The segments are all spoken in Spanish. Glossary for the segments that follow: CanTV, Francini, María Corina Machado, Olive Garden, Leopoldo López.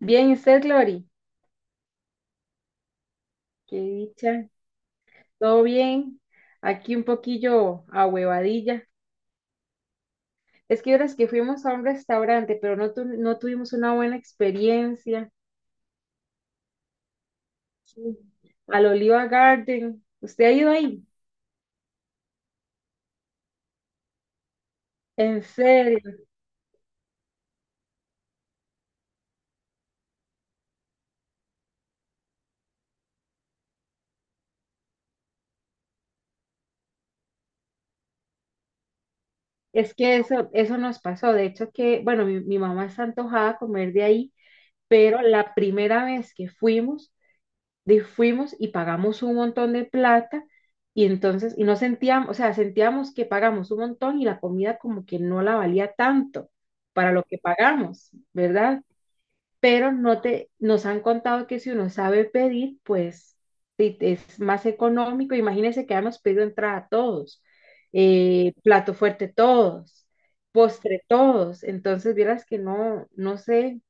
Bien, ¿y usted, Glory? Qué dicha. ¿Todo bien? Aquí un poquillo a huevadilla. Es que ahora que fuimos a un restaurante, pero no, no tuvimos una buena experiencia. Sí. Al Oliva Garden. ¿Usted ha ido ahí? ¿En serio? Es que eso nos pasó. De hecho, que, bueno, mi mamá está antojada a comer de ahí, pero la primera vez que fuimos, de fuimos y pagamos un montón de plata y entonces, y no sentíamos, o sea, sentíamos que pagamos un montón y la comida como que no la valía tanto para lo que pagamos, ¿verdad? Pero no te, nos han contado que si uno sabe pedir, pues sí, es más económico. Imagínense que habíamos pedido entrada todos, plato fuerte todos, postre todos. Entonces, vieras que no, no sé,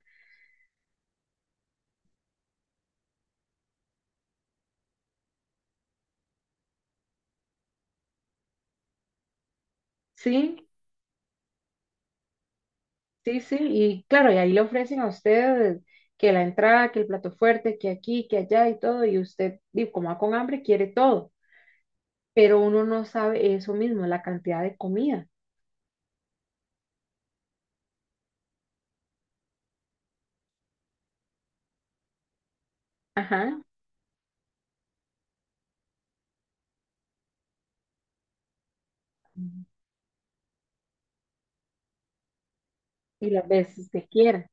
sí. Sí, sí, y claro, y ahí le ofrecen a usted que la entrada, que el plato fuerte, que aquí, que allá y todo, y usted, di, como va con hambre, quiere todo, pero uno no sabe eso mismo, la cantidad de comida, ajá, y las veces que quiera.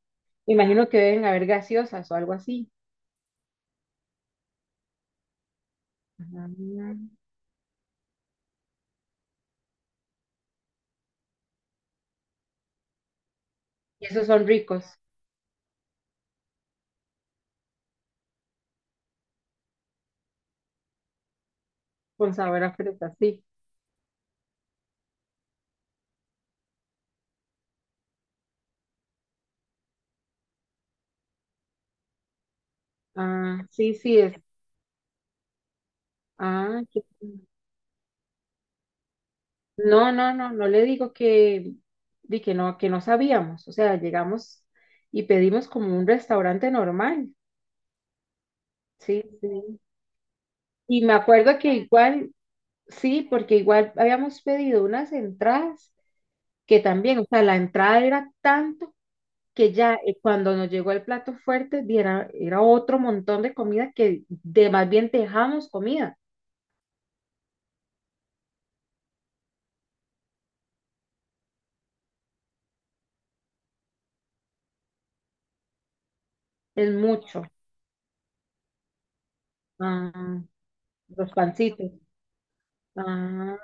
Me imagino que deben haber gaseosas o algo así. Ajá. Y esos son ricos, con sabor a fruta, sí. Ah, sí, sí, es. Ah, qué. No, no, no, no le digo que, di que no sabíamos. O sea, llegamos y pedimos como un restaurante normal, sí, sí. Y me acuerdo que igual, sí, porque igual habíamos pedido unas entradas que también, o sea, la entrada era tanto que ya cuando nos llegó el plato fuerte, di, era, era otro montón de comida que de más bien dejamos comida. Es mucho. Ah, los pancitos. Ah,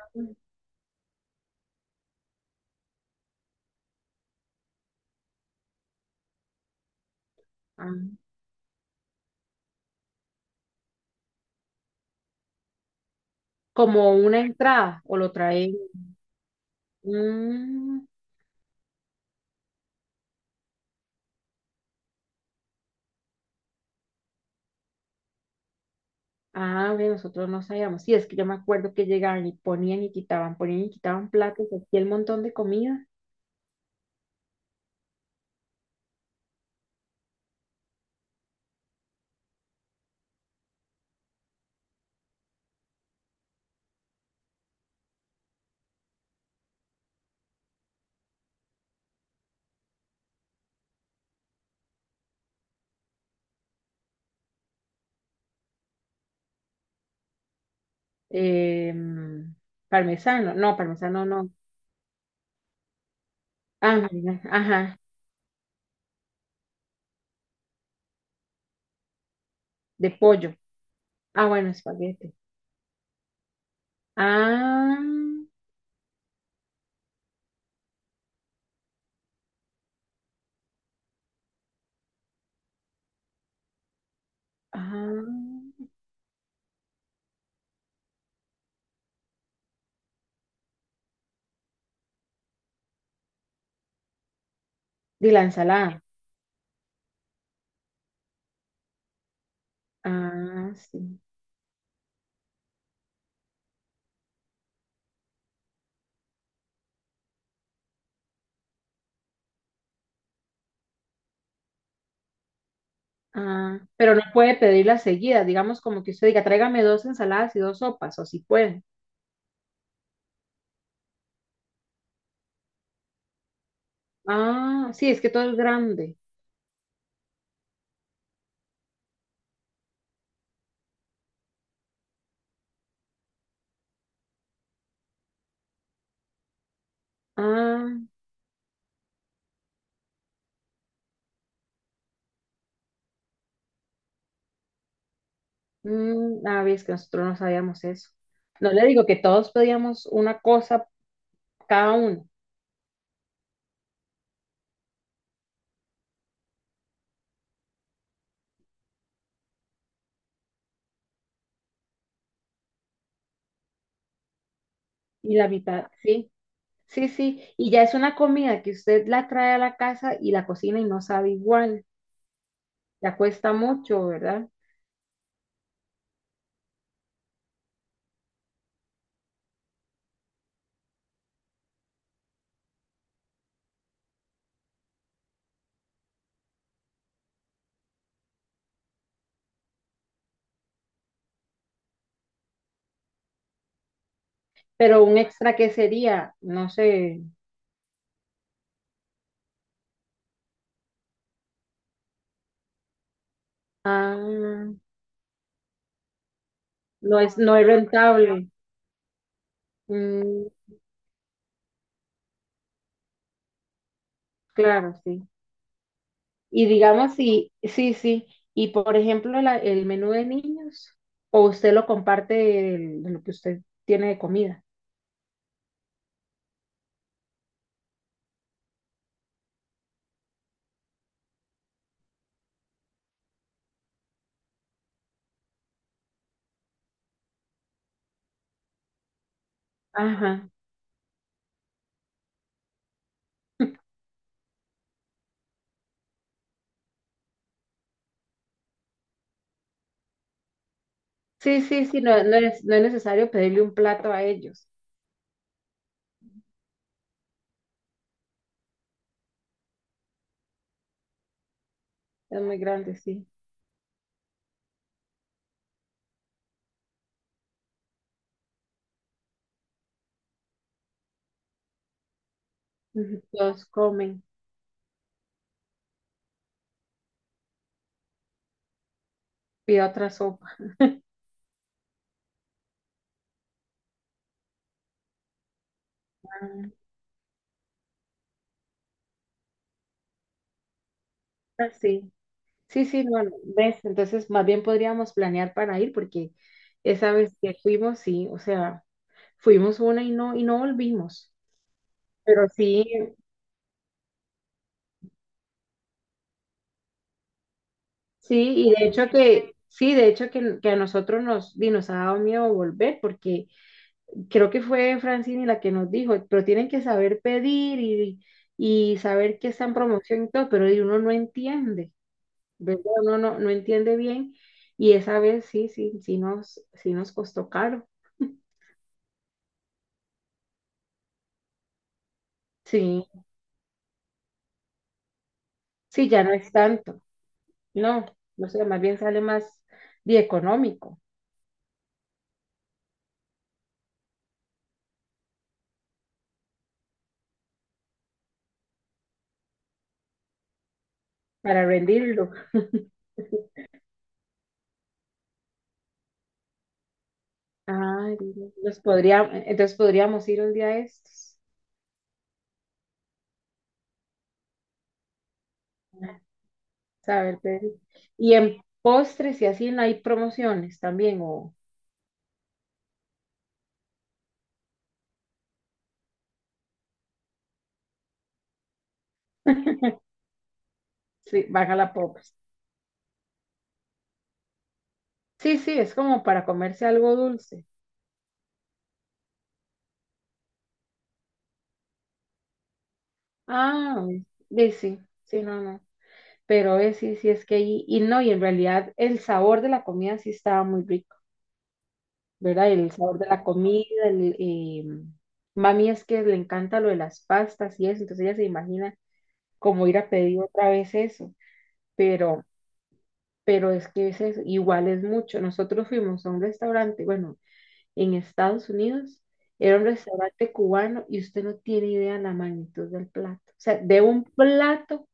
ah, como una entrada o lo traen. mm, ah, ve, nosotros no sabíamos. Sí, es que yo me acuerdo que llegaban y ponían y quitaban platos, aquí el montón de comida. Em, Parmesano, no, parmesano no. Ah, marina, ajá, de pollo. Ah, bueno, espagueti. Ah, ah, de la ensalada. Ah, sí. Ah, pero no puede pedirlas seguidas, digamos como que usted diga, tráigame dos ensaladas y dos sopas, o si puede. Ah, sí, es que todo es grande. Ah, ah, ves que nosotros no sabíamos eso. No le digo que todos pedíamos una cosa cada uno y la mitad, sí, sí, sí. Y ya es una comida que usted la trae a la casa y la cocina y no sabe igual. Ya cuesta mucho, ¿verdad? Pero un extra que sería, no sé, ah, no es, no es rentable. Mm, claro, sí. Y digamos, si, sí, sí. Y por ejemplo, el menú de niños, o usted lo comparte de lo que usted tiene de comida. Ajá. Sí, sí, sí, no, no es, no es necesario pedirle un plato a ellos. Es muy grande, sí. Ujú. Todos comen, pide otra sopa. Ah, sí. Sí, sí, no, no, ves, entonces más bien podríamos planear para ir porque esa vez que fuimos, sí, o sea, fuimos una y no volvimos. Pero sí, sí, y de hecho que, sí, de hecho que a nosotros nos, di, nos ha dado miedo volver, porque creo que fue Francini la que nos dijo, pero tienen que saber pedir y saber que está en promoción y todo, pero di, uno no entiende, ¿verdad? Uno no, no entiende bien, y esa vez sí, sí, sí nos costó caro. Sí, sí, ya no es tanto. No, no sé, más bien sale más di, económico para rendirlo. Ah, los podría, entonces podríamos ir un día de estos. A ver, Pedro. Y en postres y así no hay promociones también, o sí, baja la popes. Sí, sí, es como para comerse algo dulce. Ah, ve, sí, sí, sí, no, no. Pero es, sí, sí, es que ahí, y no, y en realidad el sabor de la comida sí estaba muy rico, ¿verdad? El sabor de la comida, el, mami es que le encanta lo de las pastas y eso, entonces ella se imagina como ir a pedir otra vez eso. pero, pero es que ese es igual es mucho. Nosotros fuimos a un restaurante, bueno, en Estados Unidos, era un restaurante cubano y usted no tiene idea la magnitud del plato. O sea,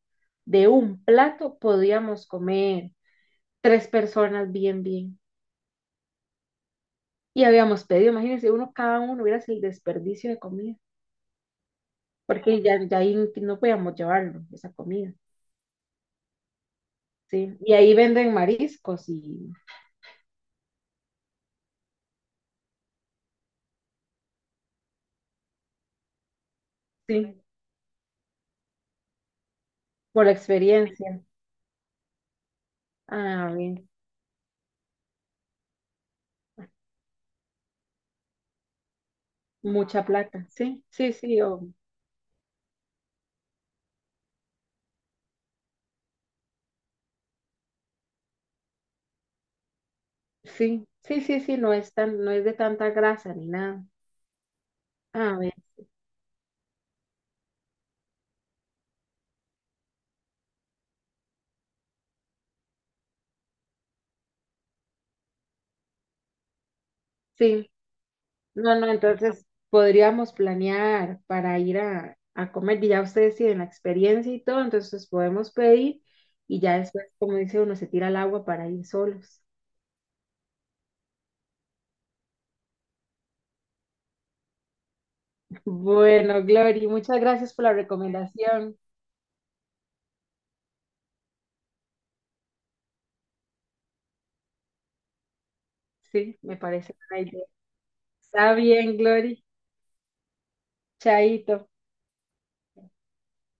de un plato podíamos comer tres personas bien, bien. Y habíamos pedido, imagínense, uno cada uno, hubiera el desperdicio de comida, porque ya, ya ahí no podíamos llevarlo, esa comida, ¿sí? Y ahí venden mariscos y, sí, por la experiencia. Ah, bien. Mucha plata, sí, sí, sí, o, sí, sí, sí, sí, no es tan, no es de tanta grasa ni nada. A ver, sí, no, no, entonces podríamos planear para ir a comer y ya ustedes tienen la experiencia y todo, entonces podemos pedir y ya después, como dice uno, se tira al agua para ir solos. Bueno, Glory, muchas gracias por la recomendación. Sí, me parece una idea. Está bien, Glory. Chaito.